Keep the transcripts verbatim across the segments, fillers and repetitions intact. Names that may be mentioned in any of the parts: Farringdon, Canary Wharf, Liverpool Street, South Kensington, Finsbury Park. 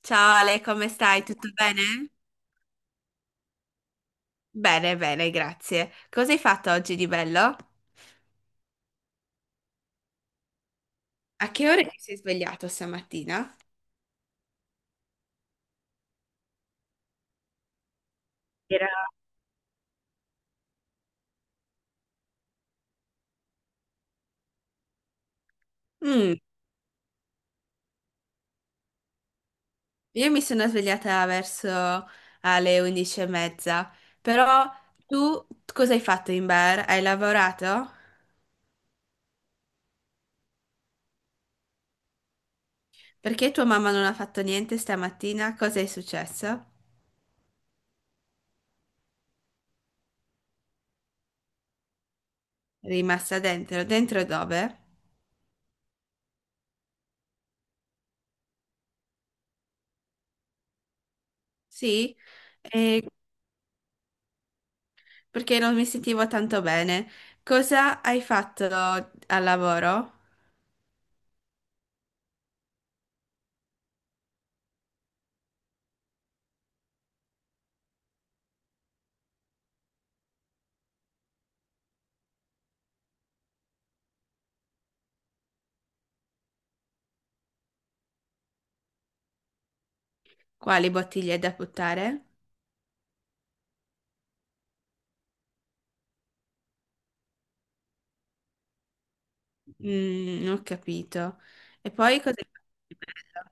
Ciao Ale, come stai? Tutto bene? Bene, bene, grazie. Cosa hai fatto oggi di bello? A che ora ti sei svegliato stamattina? Era- Mm, io mi sono svegliata verso alle undici e mezza. Però tu cosa hai fatto in bar? Hai lavorato? Perché tua mamma non ha fatto niente stamattina? Cosa è successo? È rimasta dentro? Dentro dove? Sì? E perché non mi sentivo tanto bene. Cosa hai fatto al lavoro? Quali bottiglie da buttare? Mm, non ho capito. E poi cosa hai fatto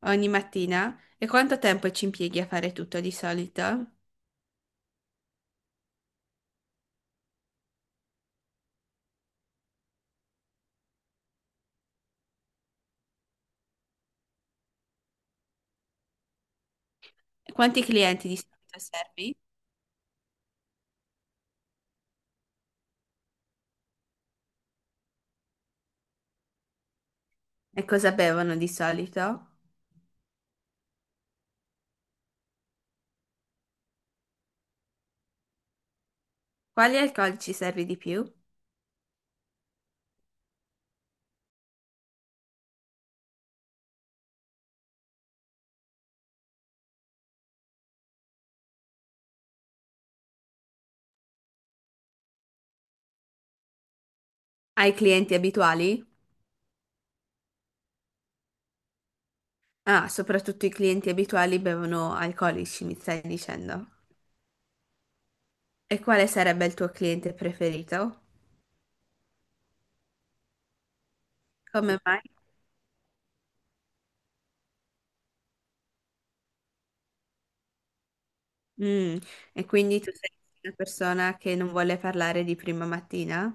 ogni mattina? E quanto tempo ci impieghi a fare tutto di solito? E quanti clienti di solito servi? E cosa bevono di solito? Quali alcolici servi di più? Ai clienti abituali? Ah, soprattutto i clienti abituali bevono alcolici, mi stai dicendo. E quale sarebbe il tuo cliente preferito? Come mai? Mm. E quindi tu sei una persona che non vuole parlare di prima mattina?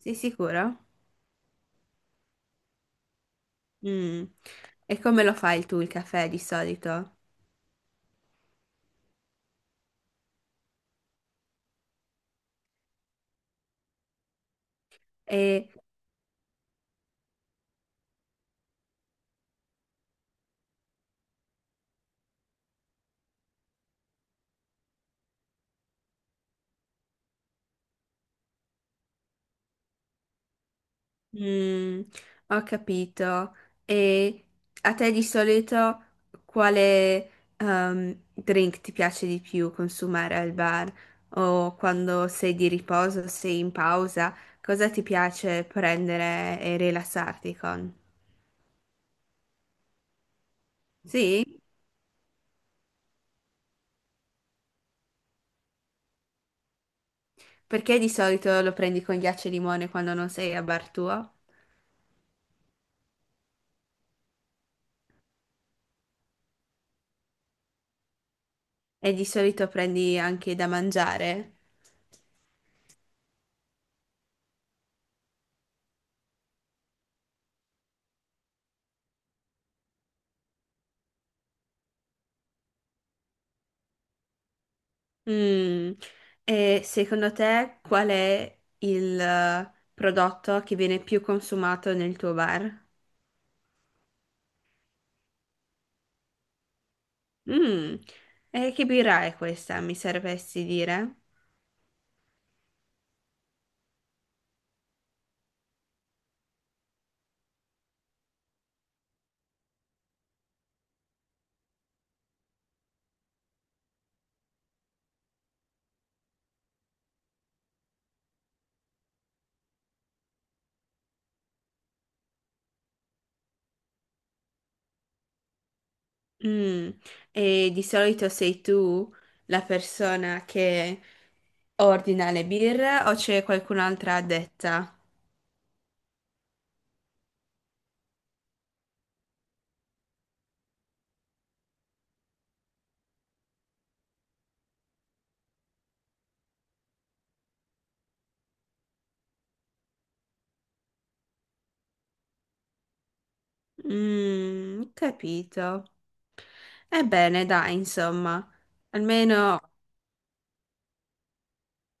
Sei sicuro? Mm. E come lo fai tu il caffè di solito? E mm, ho capito. E a te di solito quale ehm, drink ti piace di più consumare al bar? O quando sei di riposo, sei in pausa, cosa ti piace prendere e rilassarti con? Sì? Perché di solito lo prendi con ghiaccio e limone quando non sei a bar tuo? E di solito prendi anche da mangiare? Mm. E secondo te qual è il eh, prodotto che viene più consumato nel tuo bar? Mm. E che birra è questa, mi sapresti dire? Mm. E di solito sei tu la persona che ordina le birre o c'è qualcun'altra addetta? Mm, capito. Ebbene, dai, insomma, almeno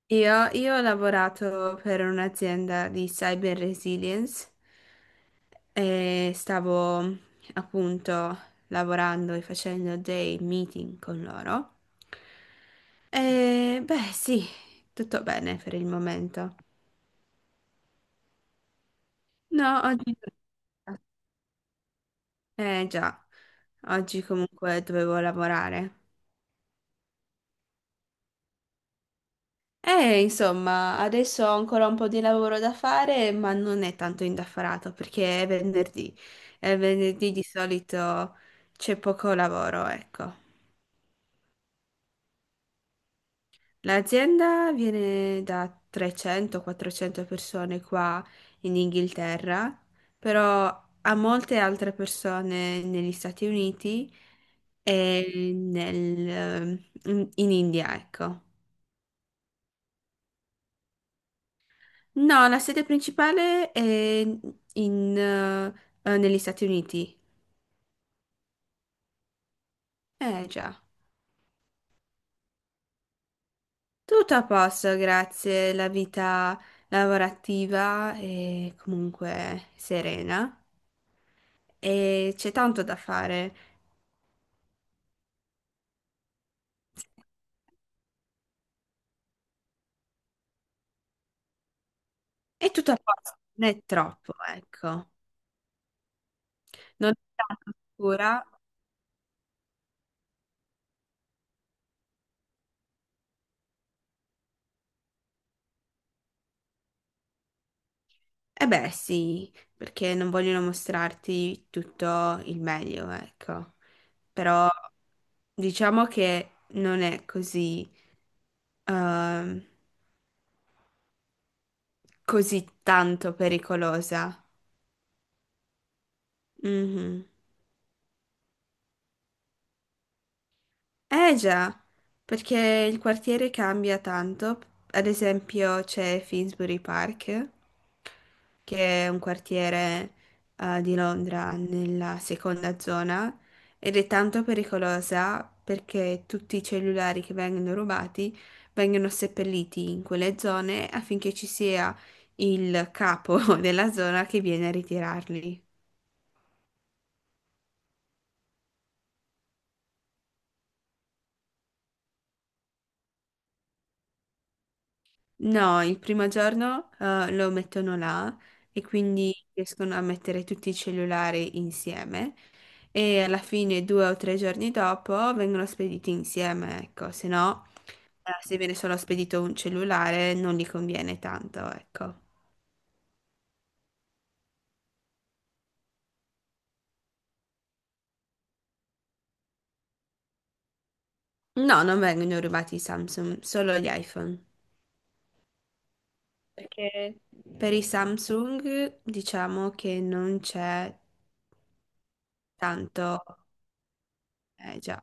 io, io ho lavorato per un'azienda di cyber resilience e stavo appunto lavorando e facendo dei meeting con loro. E beh, sì, tutto bene per il momento. No, oggi. Eh già, oggi comunque dovevo lavorare. Eh, insomma, adesso ho ancora un po' di lavoro da fare, ma non è tanto indaffarato perché è venerdì e venerdì di solito c'è poco lavoro, ecco. L'azienda viene da trecento quattrocento persone qua in Inghilterra, però ha molte altre persone negli Stati Uniti e nel- ehm, in in India, ecco. No, la sede principale è in, eh, eh, negli Stati Uniti. Eh già. Tutto a posto, grazie. La vita lavorativa è comunque serena e c'è tanto da fare. È tutto a posto, non è troppo, ecco. Non è tanto scura. Eh beh, sì, perché non vogliono mostrarti tutto il meglio, ecco. Però diciamo che non è così, ehm, così tanto pericolosa. Mhm. Eh già, perché il quartiere cambia tanto. Ad esempio c'è Finsbury Park, che è un quartiere eh, di Londra nella seconda zona ed è tanto pericolosa perché tutti i cellulari che vengono rubati vengono seppelliti in quelle zone affinché ci sia il capo della zona che viene a ritirarli. No, il primo giorno eh, lo mettono là e quindi riescono a mettere tutti i cellulari insieme e alla fine due o tre giorni dopo vengono spediti insieme, ecco, se no eh, se viene solo spedito un cellulare non gli conviene tanto, ecco. No, non vengono rubati i Samsung, solo gli iPhone. Perché per i Samsung diciamo che non c'è tanto, eh già,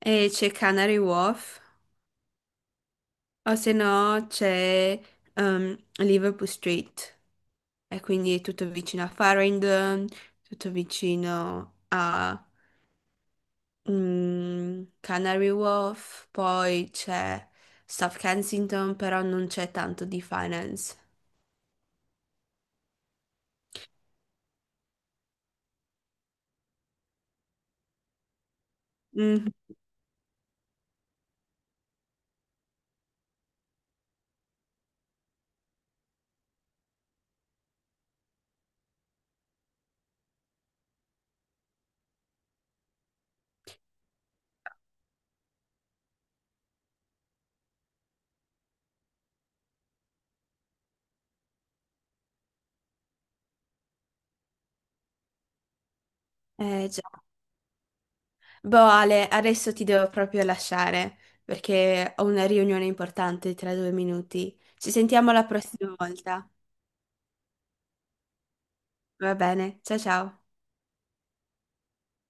e c'è Canary Wharf. O se no c'è ehm, Liverpool Street, e quindi è tutto vicino a Farringdon, tutto vicino a mm, Canary Wharf, poi c'è South Kensington, però non c'è tanto di finance. Mm, eh già. Boh, Ale, adesso ti devo proprio lasciare perché ho una riunione importante tra due minuti. Ci sentiamo la prossima volta. Va bene, ciao ciao.